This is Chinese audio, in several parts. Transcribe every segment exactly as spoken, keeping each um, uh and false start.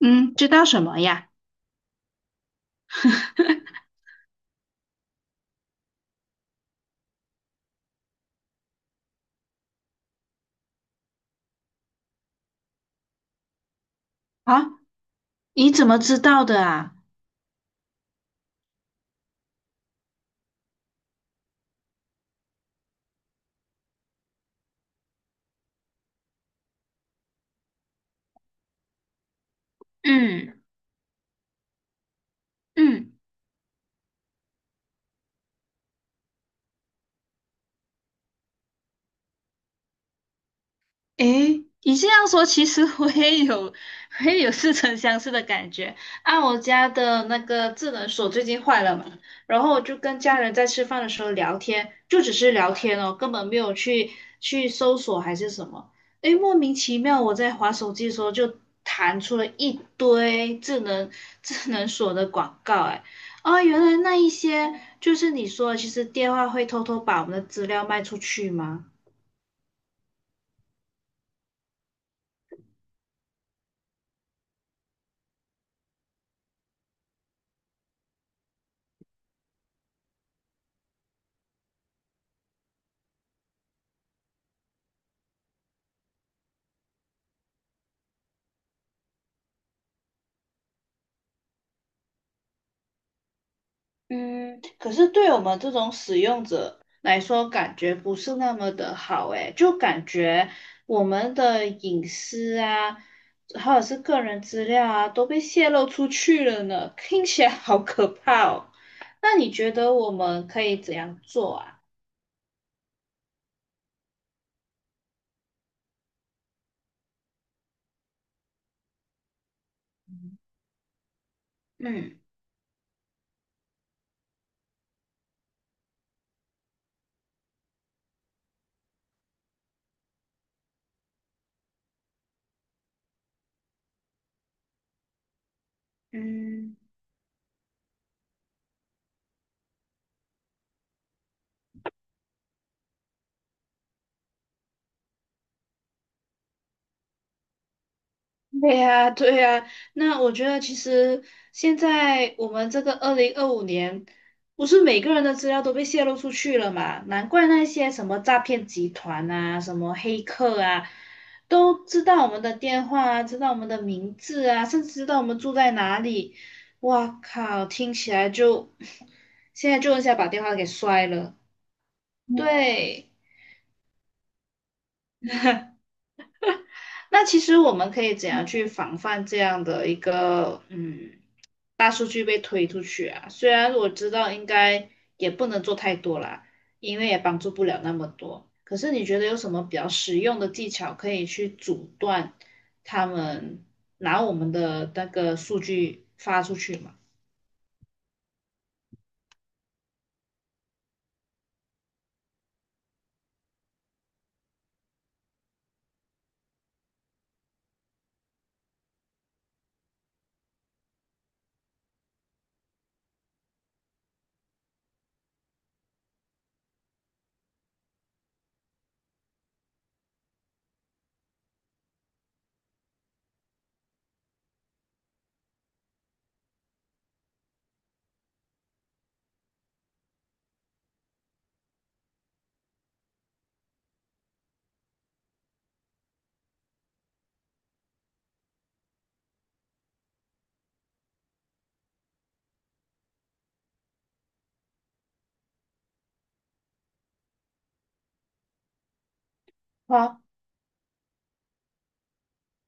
嗯，知道什么呀？啊，你怎么知道的啊？嗯嗯。诶，你这样说，其实我也有，我也有似曾相识的感觉。啊，我家的那个智能锁最近坏了嘛，然后我就跟家人在吃饭的时候聊天，就只是聊天哦，根本没有去去搜索还是什么。诶，莫名其妙，我在滑手机的时候就弹出了一堆智能智能锁的广告，诶，啊，原来那一些就是你说的，其实电话会偷偷把我们的资料卖出去吗？嗯，可是对我们这种使用者来说，感觉不是那么的好诶，就感觉我们的隐私啊，或者是个人资料啊，都被泄露出去了呢，听起来好可怕哦。那你觉得我们可以怎样做啊？嗯。嗯。对呀，对呀，那我觉得其实现在我们这个二零二五年，不是每个人的资料都被泄露出去了嘛？难怪那些什么诈骗集团啊、什么黑客啊，都知道我们的电话啊，知道我们的名字啊，甚至知道我们住在哪里。哇靠，听起来就 现在就一下把电话给摔了。嗯对，那其实我们可以怎样去防范这样的一个嗯？大数据被推出去啊。虽然我知道应该也不能做太多啦，因为也帮助不了那么多。可是你觉得有什么比较实用的技巧可以去阻断他们拿我们的那个数据发出去吗？啊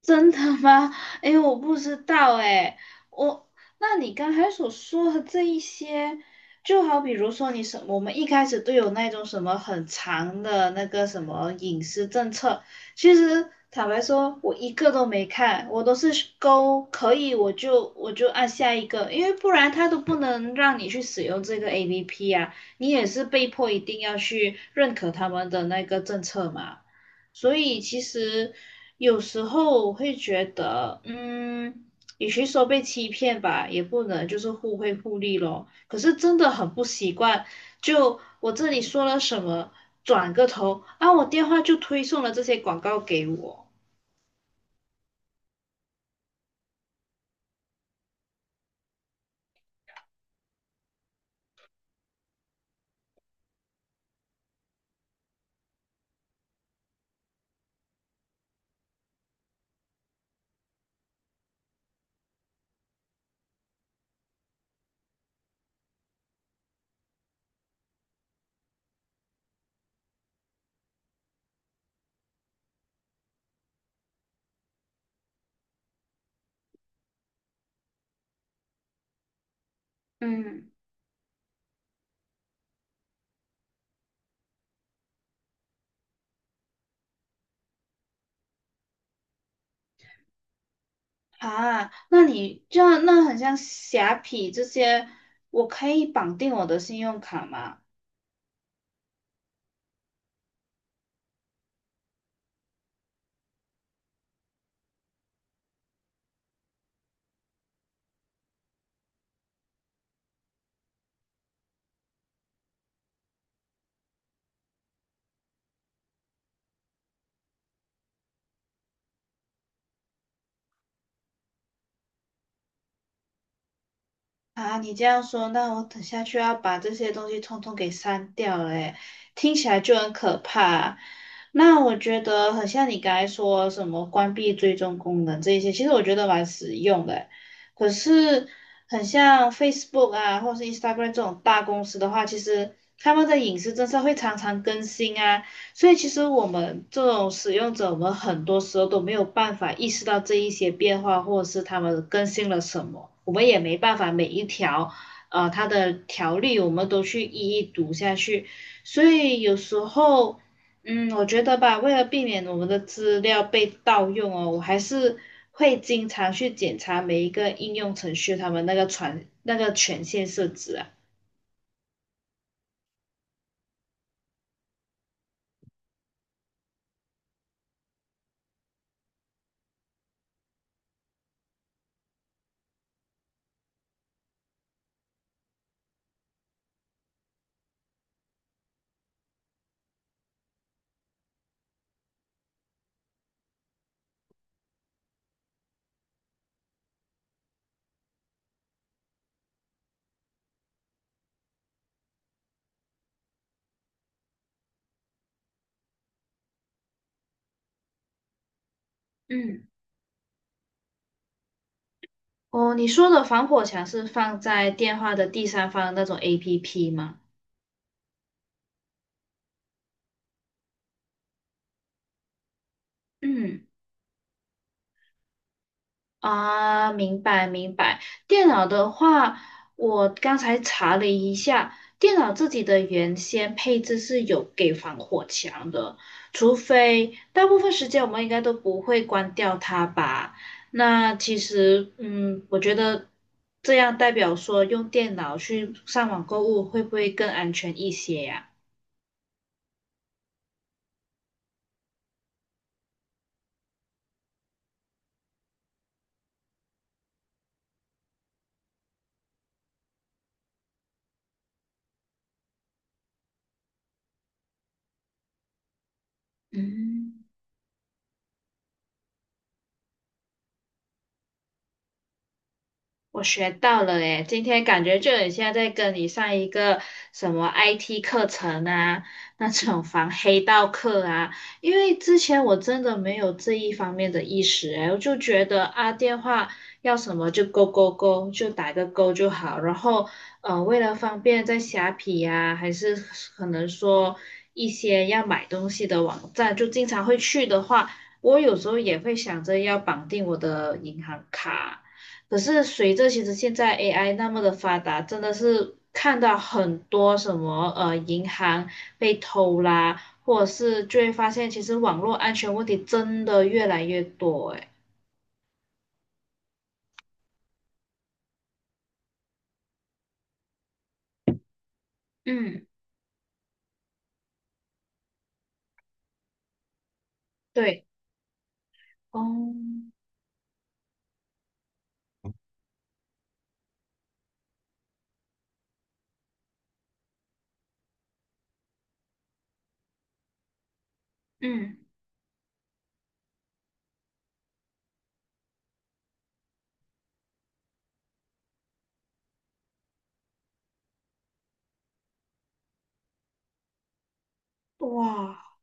真的吗？哎，我不知道哎，我，那你刚才所说的这一些，就好比如说你什，我们一开始都有那种什么很长的那个什么隐私政策，其实坦白说，我一个都没看，我都是勾可以，我就我就按下一个，因为不然它都不能让你去使用这个 A P P 啊，你也是被迫一定要去认可他们的那个政策嘛。所以其实有时候我会觉得，嗯，与其说被欺骗吧，也不能就是互惠互利咯。可是真的很不习惯，就我这里说了什么，转个头啊，我电话就推送了这些广告给我。嗯，啊，那你这样那很像虾皮这些，我可以绑定我的信用卡吗？啊，你这样说，那我等下去要把这些东西通通给删掉了，诶，听起来就很可怕。那我觉得很像你刚才说什么关闭追踪功能这一些，其实我觉得蛮实用的诶可是很像 Facebook 啊，或是 Instagram 这种大公司的话，其实他们的隐私政策会常常更新啊，所以其实我们这种使用者，我们很多时候都没有办法意识到这一些变化，或者是他们更新了什么，我们也没办法每一条，呃，它的条例我们都去一一读下去。所以有时候，嗯，我觉得吧，为了避免我们的资料被盗用哦，我还是会经常去检查每一个应用程序他们那个权那个权限设置啊。嗯。哦，你说的防火墙是放在电话的第三方那种 A P P 吗？嗯，啊，明白明白。电脑的话，我刚才查了一下，电脑自己的原先配置是有给防火墙的，除非大部分时间我们应该都不会关掉它吧？那其实，嗯，我觉得这样代表说用电脑去上网购物会不会更安全一些呀？嗯。我学到了诶，今天感觉就很像在跟你上一个什么 I T 课程啊，那种防黑道课啊，因为之前我真的没有这一方面的意识诶，我就觉得啊，电话要什么就勾勾勾，就打个勾就好，然后呃，为了方便在虾皮呀、还是可能说一些要买东西的网站，就经常会去的话，我有时候也会想着要绑定我的银行卡。可是随着其实现在 A I 那么的发达，真的是看到很多什么呃银行被偷啦，或者是就会发现其实网络安全问题真的越来越多诶。嗯，对，哦，嗯，哇。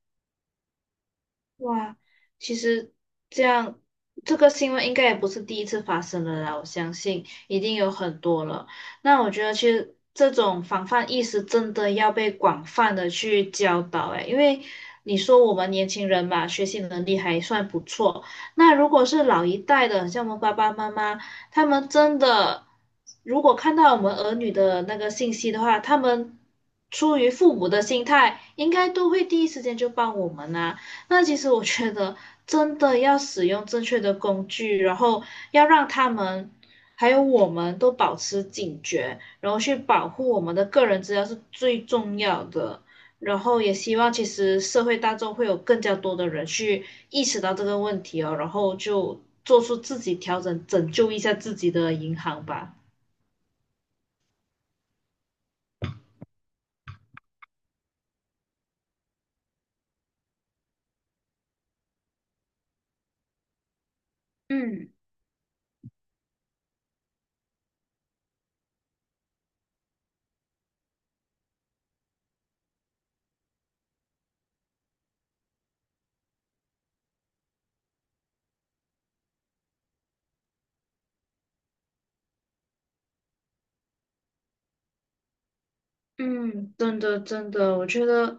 哇，其实这样，这个新闻应该也不是第一次发生了啦，我相信一定有很多了。那我觉得其实这种防范意识真的要被广泛的去教导，诶，因为你说我们年轻人嘛，学习能力还算不错，那如果是老一代的，像我们爸爸妈妈，他们真的如果看到我们儿女的那个信息的话，他们。出于父母的心态，应该都会第一时间就帮我们啊。那其实我觉得，真的要使用正确的工具，然后要让他们还有我们都保持警觉，然后去保护我们的个人资料是最重要的。然后也希望其实社会大众会有更加多的人去意识到这个问题哦，然后就做出自己调整，拯救一下自己的银行吧。嗯嗯，真的真的，我觉得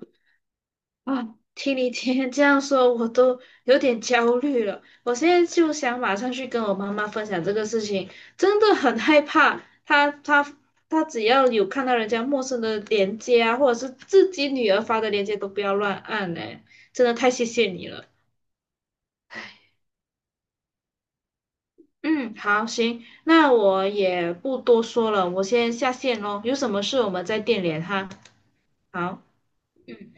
啊，听你今天这样说，我都有点焦虑了。我现在就想马上去跟我妈妈分享这个事情，真的很害怕。她她她只要有看到人家陌生的链接啊，或者是自己女儿发的链接，都不要乱按嘞。真的太谢谢你了。嗯，好，行，那我也不多说了，我先下线喽。有什么事我们再电联哈。好。嗯。